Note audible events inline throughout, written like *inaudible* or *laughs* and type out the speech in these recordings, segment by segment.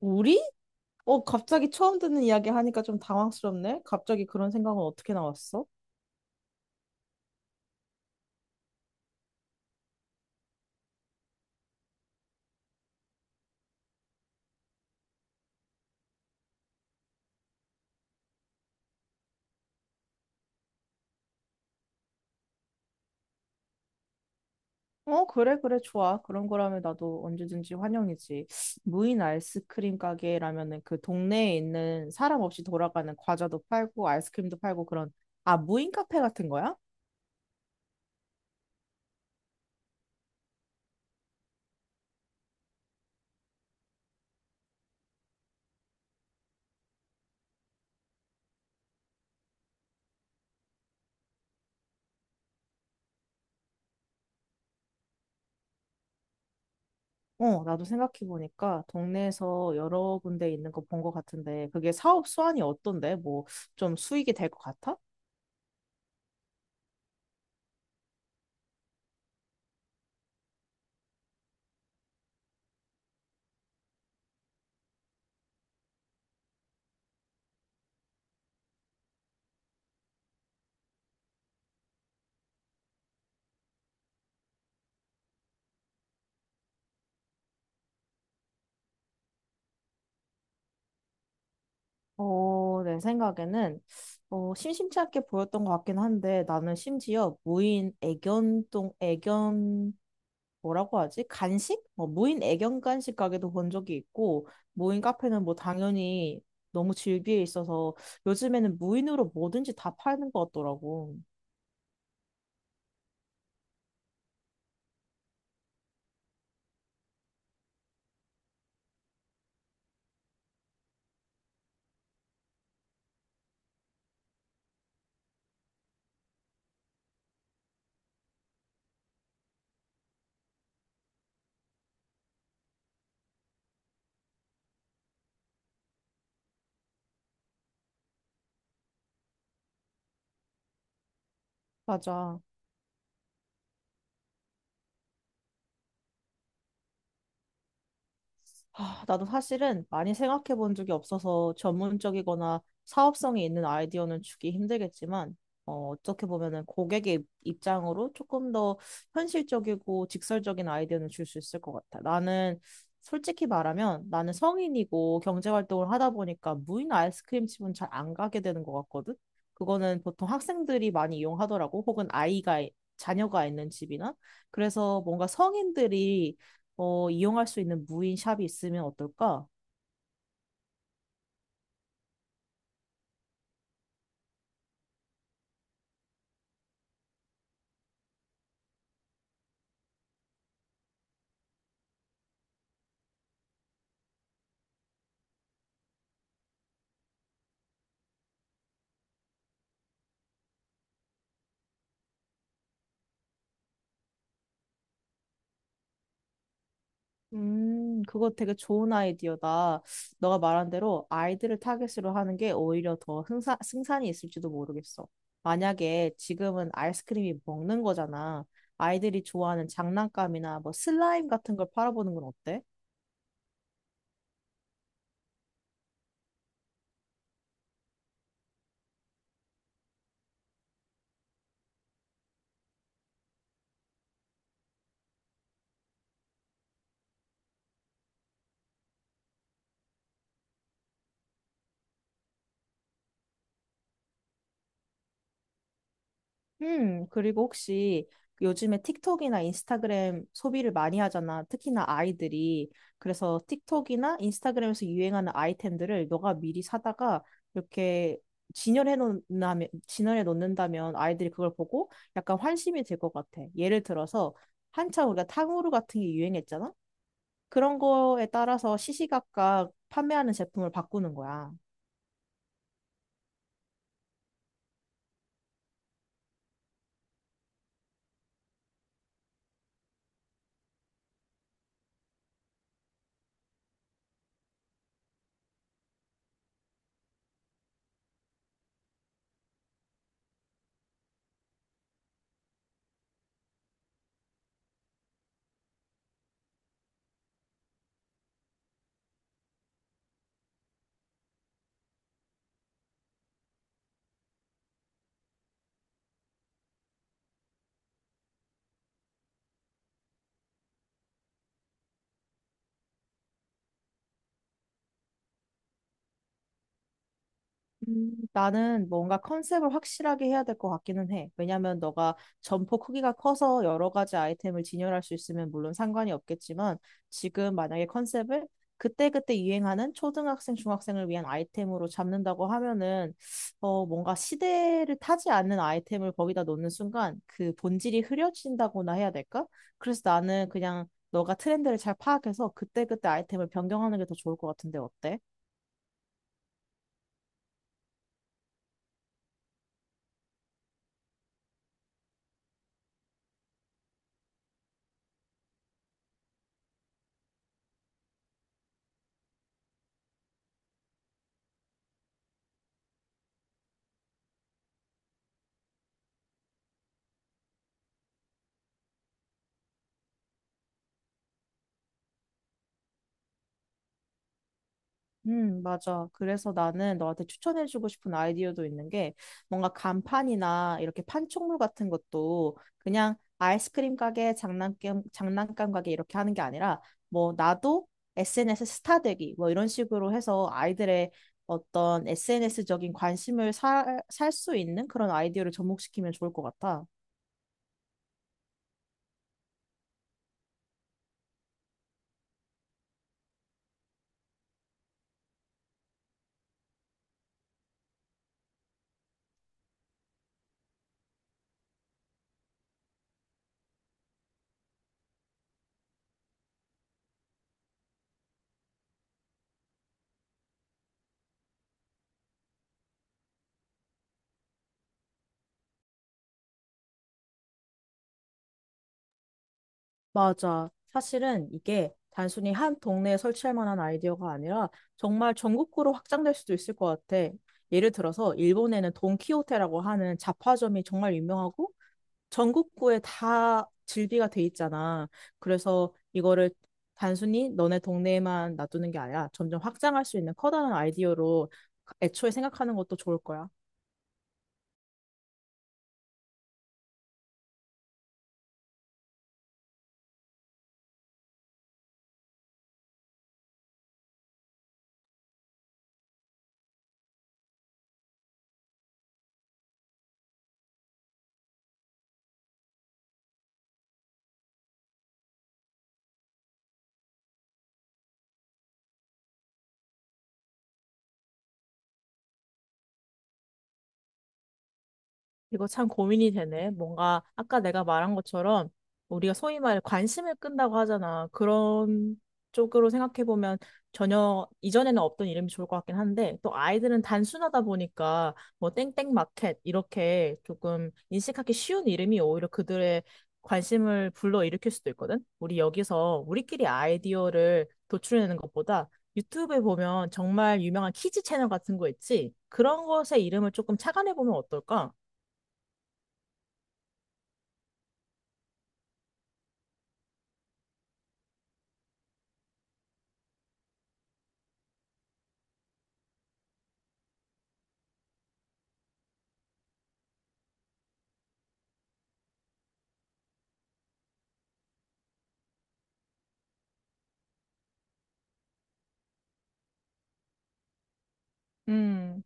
우리? 갑자기 처음 듣는 이야기 하니까 좀 당황스럽네. 갑자기 그런 생각은 어떻게 나왔어? 그래, 그래, 좋아. 그런 거라면 나도 언제든지 환영이지. 무인 아이스크림 가게라면은 그 동네에 있는 사람 없이 돌아가는 과자도 팔고 아이스크림도 팔고 그런, 아, 무인 카페 같은 거야? 나도 생각해보니까 동네에서 여러 군데 있는 거 본 것 같은데 그게 사업 수완이 어떤데? 뭐 좀 수익이 될 것 같아? 내 생각에는 심심치 않게 보였던 것 같긴 한데 나는 심지어 뭐라고 하지? 간식? 뭐 무인 애견 간식 가게도 본 적이 있고 무인 카페는 뭐 당연히 너무 질비해 있어서 요즘에는 무인으로 뭐든지 다 파는 것 같더라고. 맞아. 아, 나도 사실은 많이 생각해 본 적이 없어서 전문적이거나 사업성이 있는 아이디어는 주기 힘들겠지만, 어떻게 보면은 고객의 입장으로 조금 더 현실적이고 직설적인 아이디어는 줄 수 있을 것 같아. 나는 솔직히 말하면 나는 성인이고 경제활동을 하다 보니까 무인 아이스크림 집은 잘 안 가게 되는 것 같거든? 그거는 보통 학생들이 많이 이용하더라고. 혹은 아이가, 자녀가 있는 집이나. 그래서 뭔가 성인들이 이용할 수 있는 무인 샵이 있으면 어떨까? 그거 되게 좋은 아이디어다. 너가 말한 대로 아이들을 타겟으로 하는 게 오히려 더 승산이 있을지도 모르겠어. 만약에 지금은 아이스크림이 먹는 거잖아. 아이들이 좋아하는 장난감이나 뭐 슬라임 같은 걸 팔아보는 건 어때? 그리고 혹시 요즘에 틱톡이나 인스타그램 소비를 많이 하잖아. 특히나 아이들이. 그래서 틱톡이나 인스타그램에서 유행하는 아이템들을 너가 미리 사다가 이렇게 진열해 놓는다면 아이들이 그걸 보고 약간 환심이 될 것 같아. 예를 들어서 한참 우리가 탕후루 같은 게 유행했잖아. 그런 거에 따라서 시시각각 판매하는 제품을 바꾸는 거야. 나는 뭔가 컨셉을 확실하게 해야 될 것 같기는 해. 왜냐면 너가 점포 크기가 커서 여러 가지 아이템을 진열할 수 있으면 물론 상관이 없겠지만 지금 만약에 컨셉을 그때그때 유행하는 초등학생, 중학생을 위한 아이템으로 잡는다고 하면은 뭔가 시대를 타지 않는 아이템을 거기다 놓는 순간 그 본질이 흐려진다고나 해야 될까? 그래서 나는 그냥 너가 트렌드를 잘 파악해서 그때그때 아이템을 변경하는 게 더 좋을 것 같은데 어때? 맞아. 그래서 나는 너한테 추천해주고 싶은 아이디어도 있는 게 뭔가 간판이나 이렇게 판촉물 같은 것도 그냥 아이스크림 가게, 장난감 가게 이렇게 하는 게 아니라 뭐 나도 SNS 스타 되기 뭐 이런 식으로 해서 아이들의 어떤 SNS적인 관심을 살 수 있는 그런 아이디어를 접목시키면 좋을 것 같아. 맞아. 사실은 이게 단순히 한 동네에 설치할 만한 아이디어가 아니라 정말 전국구로 확장될 수도 있을 것 같아. 예를 들어서 일본에는 돈키호테라고 하는 잡화점이 정말 유명하고 전국구에 다 즐비가 돼 있잖아. 그래서 이거를 단순히 너네 동네에만 놔두는 게 아니라 점점 확장할 수 있는 커다란 아이디어로 애초에 생각하는 것도 좋을 거야. 이거 참 고민이 되네. 뭔가 아까 내가 말한 것처럼 우리가 소위 말해 관심을 끈다고 하잖아. 그런 쪽으로 생각해 보면 전혀 이전에는 없던 이름이 좋을 것 같긴 한데 또 아이들은 단순하다 보니까 뭐 땡땡 마켓 이렇게 조금 인식하기 쉬운 이름이 오히려 그들의 관심을 불러일으킬 수도 있거든. 우리 여기서 우리끼리 아이디어를 도출해내는 것보다 유튜브에 보면 정말 유명한 키즈 채널 같은 거 있지? 그런 것의 이름을 조금 착안해 보면 어떨까? 음.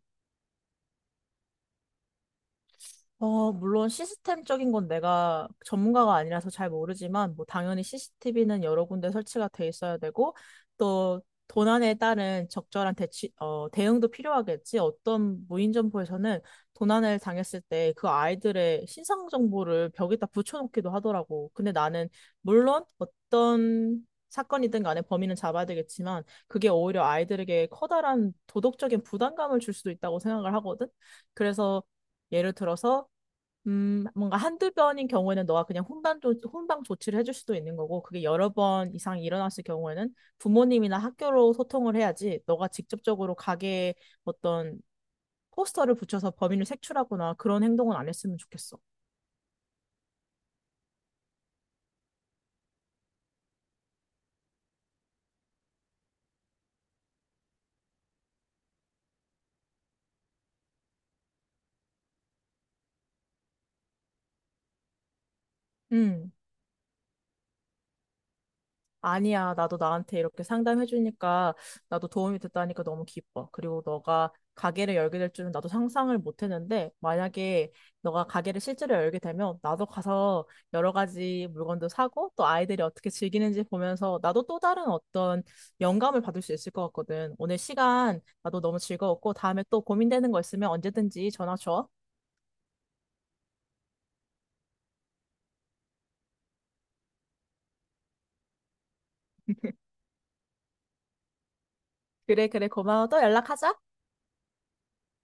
물론 시스템적인 건 내가 전문가가 아니라서 잘 모르지만, 뭐, 당연히 CCTV는 여러 군데 설치가 돼 있어야 되고, 또, 도난에 따른 적절한 대응도 필요하겠지. 어떤 무인점포에서는 도난을 당했을 때 그 아이들의 신상 정보를 벽에다 붙여놓기도 하더라고. 근데 나는, 물론 어떤 사건이든 간에 범인은 잡아야 되겠지만, 그게 오히려 아이들에게 커다란 도덕적인 부담감을 줄 수도 있다고 생각을 하거든. 그래서 예를 들어서 뭔가 한두 번인 경우에는 너가 그냥 훈방 조치를 해줄 수도 있는 거고, 그게 여러 번 이상 일어났을 경우에는 부모님이나 학교로 소통을 해야지, 너가 직접적으로 가게에 어떤 포스터를 붙여서 범인을 색출하거나 그런 행동은 안 했으면 좋겠어. 음. 아니야, 나도 나한테 이렇게 상담해주니까 나도 도움이 됐다니까 너무 기뻐. 그리고 너가 가게를 열게 될 줄은 나도 상상을 못했는데 만약에 너가 가게를 실제로 열게 되면 나도 가서 여러 가지 물건도 사고 또 아이들이 어떻게 즐기는지 보면서 나도 또 다른 어떤 영감을 받을 수 있을 것 같거든. 오늘 시간 나도 너무 즐거웠고 다음에 또 고민되는 거 있으면 언제든지 전화 줘. *laughs* 그래, 그래, 고마워. 또 연락하자.